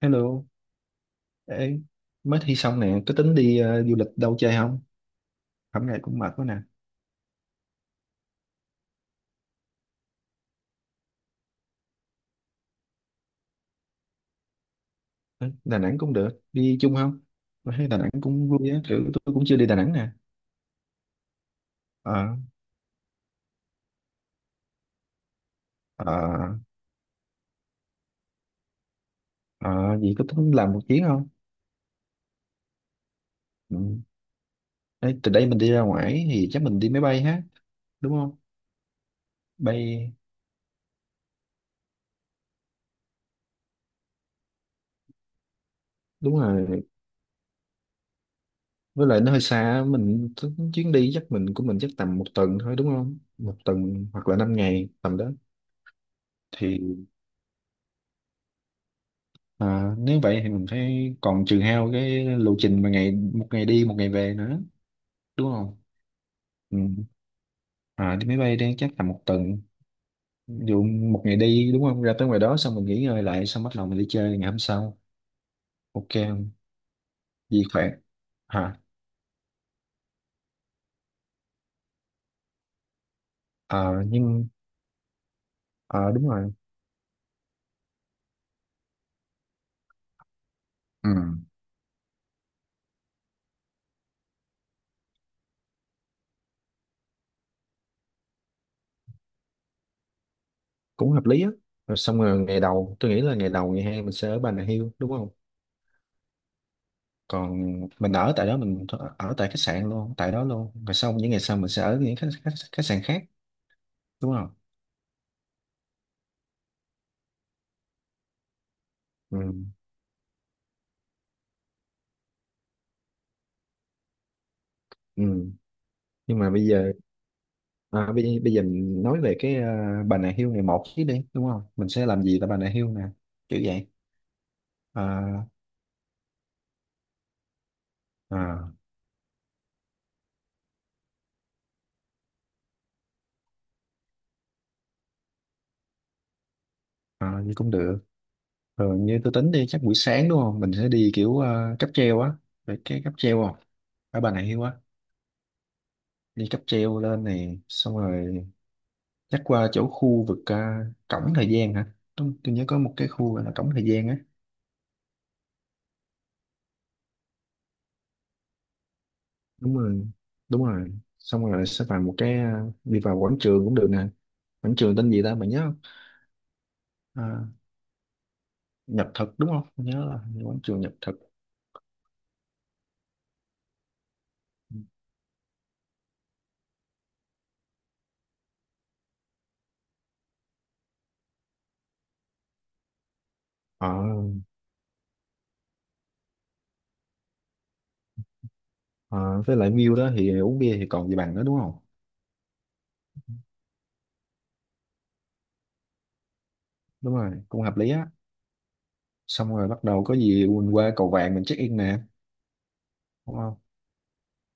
Hello, ê, mới thi xong nè, có tính đi du lịch đâu chơi không? Hôm nay cũng mệt quá nè. Ê, Đà Nẵng cũng được, đi chung không? Tôi thấy Đà Nẵng cũng vui á, kiểu tôi cũng chưa đi Đà Nẵng nè. Ờ, ờ, ờ, vậy có tính làm một chuyến không? Ừ. Ê, từ đây mình đi ra ngoài thì chắc mình đi máy bay ha, đúng không? Bay, đúng rồi, với lại nó hơi xa, mình tính chuyến đi chắc mình của mình chắc tầm một tuần thôi đúng không? Một tuần hoặc là 5 ngày tầm đó. Thì. À, nếu vậy thì mình phải còn trừ hao cái lộ trình mà ngày một ngày đi một ngày về nữa đúng không? Ừ. À, đi máy bay đang chắc tầm một tuần, ví dụ một ngày đi đúng không, ra tới ngoài đó xong mình nghỉ ngơi lại, xong bắt đầu mình đi chơi ngày hôm sau, ok không? Vì khỏe. Hả? À, nhưng à, đúng rồi. Ừ, cũng hợp lý á. Rồi xong rồi, ngày đầu tôi nghĩ là ngày đầu ngày hai mình sẽ ở Bà Nà Hills đúng không? Còn mình ở tại đó, mình ở tại khách sạn luôn tại đó luôn, rồi xong những ngày sau mình sẽ ở những khách khách, khách sạn khác đúng không? Ừ. Ừ. Nhưng mà bây giờ, à, bây giờ mình nói về cái, à, Bà Nà Hills này một chứ đi đúng không, mình sẽ làm gì tại Bà Nà Hills nè, kiểu vậy. à, à, Như cũng được. Rồi như tôi tính đi chắc buổi sáng đúng không, mình sẽ đi kiểu, à, cáp treo á, về cái cáp treo không, ở Bà Nà Hills á. Đi cáp treo lên này xong rồi chắc qua chỗ khu vực, à, cổng thời gian hả. Đúng, tôi nhớ có một cái khu gọi là cổng thời gian á. Đúng rồi, đúng rồi, xong rồi sẽ vào một cái, à, đi vào quảng trường cũng được nè. Quảng trường tên gì ta, mày nhớ không? À, Nhật Thực đúng không? Mình nhớ là hình quảng trường Nhật Thực. Ờ. À, với lại view đó thì uống bia thì còn gì bằng nữa đúng không? Đúng rồi, cũng hợp lý á. Xong rồi bắt đầu có gì mình qua cầu vàng mình check in nè, đúng không?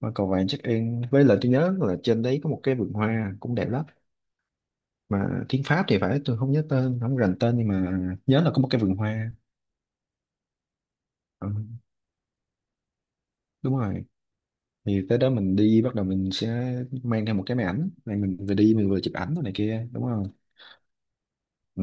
Qua cầu vàng check in, với lại tôi nhớ là trên đấy có một cái vườn hoa cũng đẹp lắm, mà tiếng Pháp thì phải, tôi không nhớ tên, không rành tên, nhưng mà nhớ là có một cái vườn hoa. Ừ, đúng rồi. Thì tới đó mình đi, bắt đầu mình sẽ mang theo một cái máy ảnh này, mình vừa đi mình vừa chụp ảnh rồi này kia đúng không? Ừ.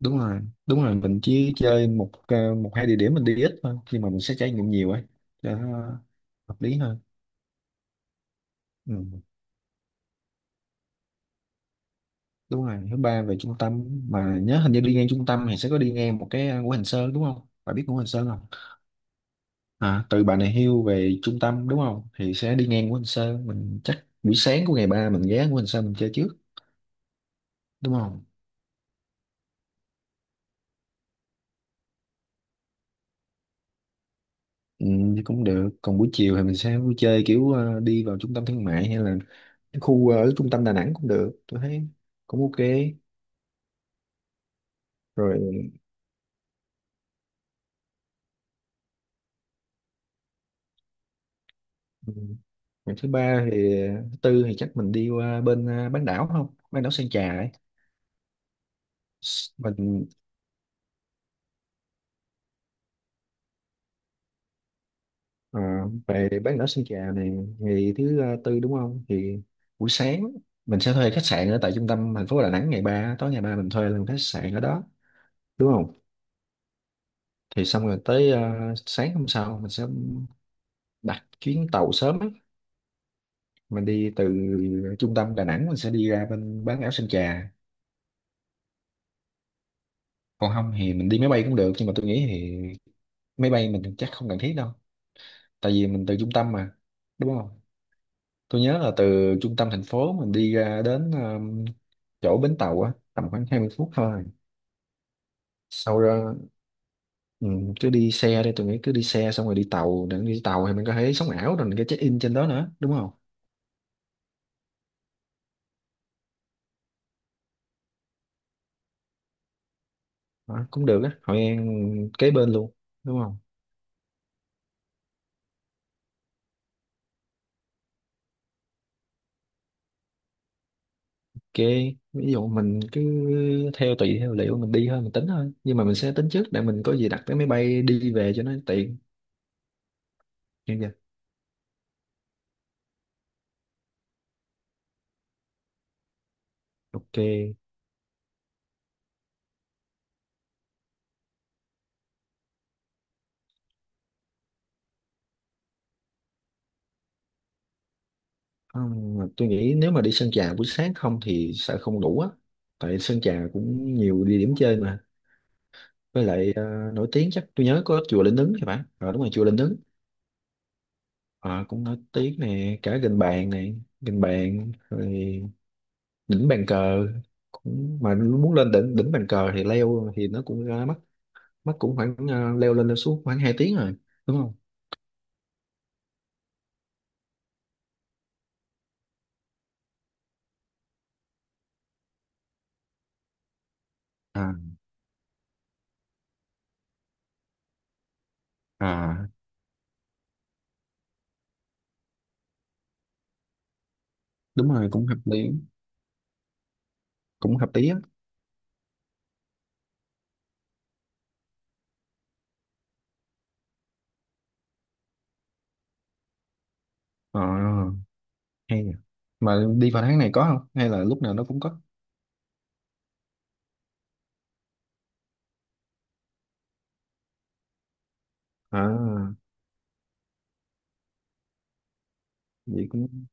Đúng rồi, đúng rồi, mình chỉ chơi một, một hai địa điểm, mình đi ít thôi nhưng mà mình sẽ trải nghiệm nhiều ấy cho nó hợp lý hơn. Ừ. Đúng rồi, thứ ba về trung tâm. Mà nhớ hình như đi ngang trung tâm thì sẽ có đi ngang một cái, Ngũ Hành Sơn đúng không, bạn biết Ngũ Hành Sơn không? À, từ Bà Nà Hills về trung tâm đúng không thì sẽ đi ngang Ngũ Hành Sơn, mình chắc buổi sáng của ngày ba mình ghé Ngũ Hành Sơn mình chơi trước đúng không? Ừ, thì cũng được. Còn buổi chiều thì mình sẽ vui chơi kiểu, đi vào trung tâm thương mại, hay là cái khu, ở trung tâm Đà Nẵng cũng được tôi thấy cũng ok. Rồi. Ừ, ngày thứ ba thì, thứ tư thì chắc mình đi qua bên, à, bán đảo, không, bán đảo Sơn Trà ấy. Mình, à, về bán đảo Sơn Trà này, ngày thứ, à, tư đúng không, thì buổi sáng mình sẽ thuê khách sạn ở tại trung tâm thành phố Đà Nẵng, ngày ba tối ngày ba mình thuê luôn khách sạn ở đó đúng không? Thì xong rồi tới, à, sáng hôm sau mình sẽ đặt chuyến tàu sớm á, mình đi từ trung tâm Đà Nẵng mình sẽ đi ra bên bán đảo Sơn Trà. Còn không thì mình đi máy bay cũng được, nhưng mà tôi nghĩ thì máy bay mình chắc không cần thiết đâu, tại vì mình từ trung tâm mà đúng không. Tôi nhớ là từ trung tâm thành phố mình đi ra đến, chỗ bến tàu á tầm khoảng 20 phút thôi. Sau đó, ừ, cứ đi xe đi, tôi nghĩ cứ đi xe xong rồi đi tàu, để đi tàu thì mình có thể sống ảo, rồi mình có check in trên đó nữa đúng không? Đó, cũng được á, Hội An kế bên luôn đúng không? Ok, ví dụ mình cứ theo, tùy theo liệu mình đi thôi, mình tính thôi nhưng mà mình sẽ tính trước để mình có gì đặt vé máy bay đi về cho nó tiện. Được chưa? Ok. Mà tôi nghĩ nếu mà đi Sơn Trà buổi sáng không thì sợ không đủ á, tại Sơn Trà cũng nhiều địa điểm chơi mà. Với lại, nổi tiếng chắc tôi nhớ có chùa Linh Ứng thì phải, ờ, đúng rồi, chùa Linh Ứng. Ờ cũng nổi tiếng nè, cả Gành Bàn này, Gành Bàn, rồi đỉnh bàn cờ cũng, mà muốn lên đỉnh đỉnh bàn cờ thì leo thì nó cũng ra mắc, mất cũng khoảng, leo lên leo xuống khoảng 2 tiếng rồi đúng không? À. À. Đúng rồi cũng hợp lý, cũng hợp lý á. Ờ, hay nhỉ. Mà đi vào tháng này có không hay là lúc nào nó cũng có? À, vậy cũng,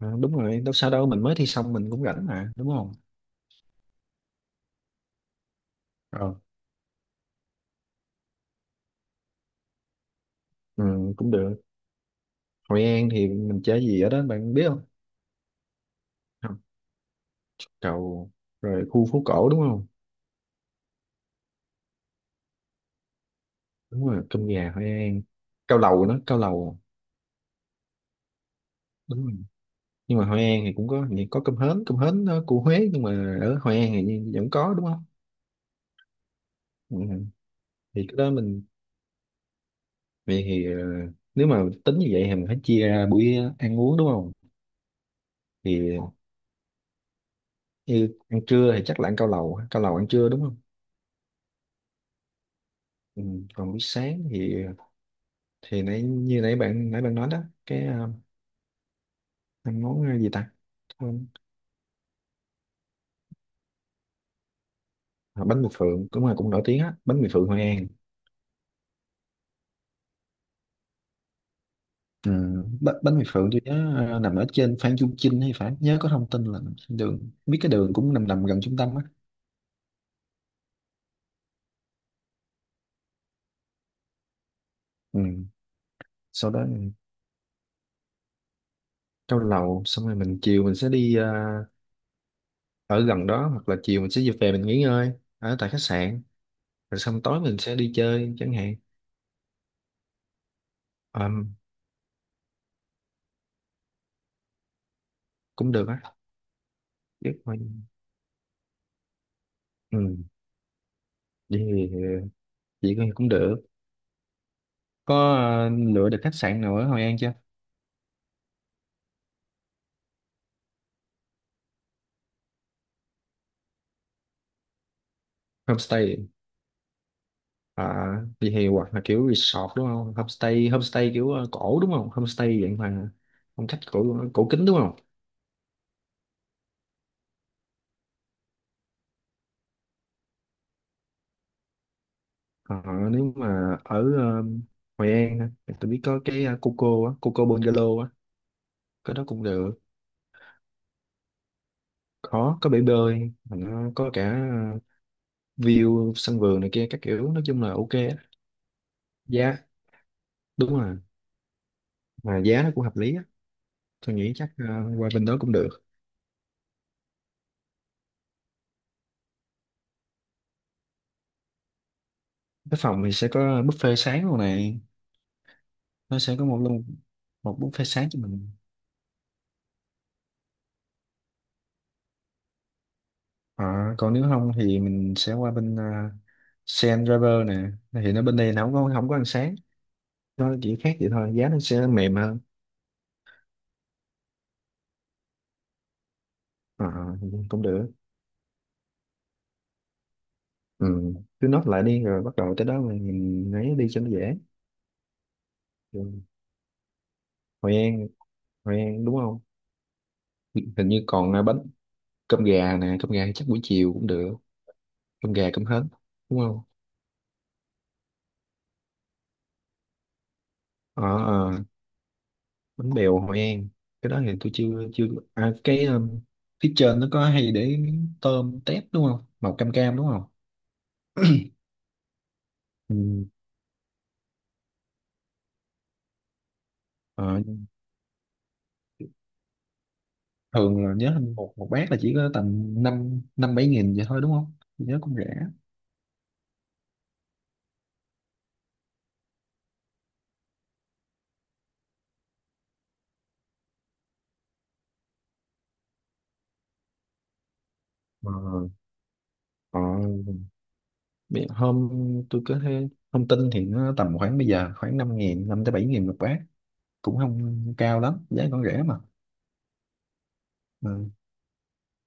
à, đúng rồi, đâu sao đâu, mình mới thi xong mình cũng rảnh mà đúng không? Ờ. Ừ, cũng được. Hội An thì mình chơi gì ở đó bạn biết không? Không. Cầu, rồi khu phố cổ đúng không? Đúng rồi, cơm gà Hội An. Cao lầu nữa, cao lầu. Đúng rồi. Nhưng mà Hội An thì cũng có thì có cơm hến, cơm hến, của Huế nhưng mà ở Hội An thì vẫn có đúng không? Ừ. Thì cái đó mình, vậy thì, nếu mà tính như vậy thì mình phải chia ra buổi ăn uống đúng không? Thì như ăn trưa thì chắc là ăn cao lầu ha, cao lầu ăn trưa đúng không? Ừ. Còn buổi sáng thì nãy như nãy bạn nói đó, cái, ăn món, gì ta. Quên. À, bánh mì phượng cũng là cũng nổi tiếng á, bánh mì phượng Hội An. Ừ, bánh mì Phượng tôi nhớ, nằm ở trên Phan Chu Trinh hay phải, nhớ có thông tin là nằm trên đường, biết cái đường cũng nằm nằm gần trung tâm á. Ừ. Sau đó mình cao lầu xong rồi mình chiều mình sẽ đi, ở gần đó, hoặc là chiều mình sẽ về mình nghỉ ngơi ở tại khách sạn, rồi xong tối mình sẽ đi chơi chẳng hạn. Ờ, cũng được á. Biết thôi. Ừ. Đi chị cũng được. Có, lựa được khách sạn nào ở Hội An chưa? Homestay. À, vậy thì hoặc là kiểu resort đúng không? Homestay, homestay kiểu, cổ đúng không? Homestay dạng mà phong cách cổ cổ kính đúng không? Ờ, nếu mà ở, Hội An á, thì tôi biết có cái, Coco á, Coco Bungalow á, cái đó cũng được. Có bể bơi, mà nó có cả, view sân vườn này kia các kiểu, nói chung là ok á. Giá, đúng rồi, mà giá nó cũng hợp lý á. Tôi nghĩ chắc, qua bên đó cũng được. Cái phòng thì sẽ có buffet sáng luôn này, nó sẽ có một luôn, một buffet sáng cho mình. À, còn nếu không thì mình sẽ qua bên, Sen Driver nè thì nó bên đây nó không có, không có ánh sáng, nó chỉ khác vậy thôi, giá nó sẽ mềm hơn. À, cũng được. Ừ, cứ nốt lại đi rồi bắt đầu tới đó mình ấy đi cho nó dễ. Rồi. Hội An, Hội An đúng không, hình như còn, à, bánh, cơm gà nè, cơm gà chắc buổi chiều cũng được, cơm gà cơm hến đúng không? Ờ, ờ, bánh bèo Hội An, cái đó thì tôi chưa chưa. À, cái, phía trên nó có hay để miếng tôm tép đúng không, màu cam cam đúng không? Ừ. Ờ, thường là nhớ hình một một bát là chỉ có tầm năm năm bảy nghìn vậy thôi đúng không? Tôi nhớ cũng rẻ. Ờ. Ờ. Biết hôm tôi có thấy thông tin thì nó tầm khoảng bây giờ khoảng 5.000 năm tới 7.000 một bát, cũng không cao lắm, giá còn rẻ mà. Ừ.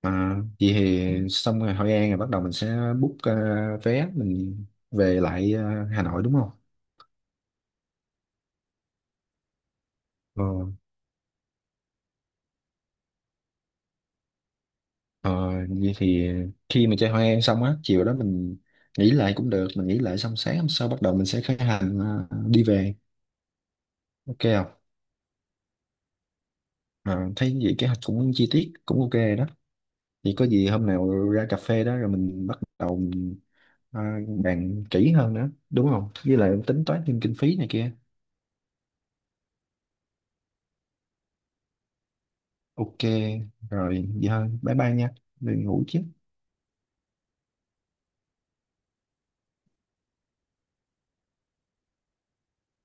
À, vậy thì xong rồi Hội An rồi bắt đầu mình sẽ book, vé mình về lại, Hà Nội đúng không? Ờ. Ờ, vậy thì khi mà chơi hoa em xong á, chiều đó mình nghỉ lại cũng được, mình nghỉ lại xong sáng hôm sau bắt đầu mình sẽ khởi hành, đi về, ok không? Ờ, thấy vậy kế hoạch cũng chi tiết, cũng ok đó. Thì có gì hôm nào ra cà phê đó rồi mình bắt đầu ờ, bàn kỹ hơn nữa, đúng không? Với lại tính toán thêm kinh phí này kia. Ok, rồi vậy thôi, bye bye nha, đi ngủ chứ.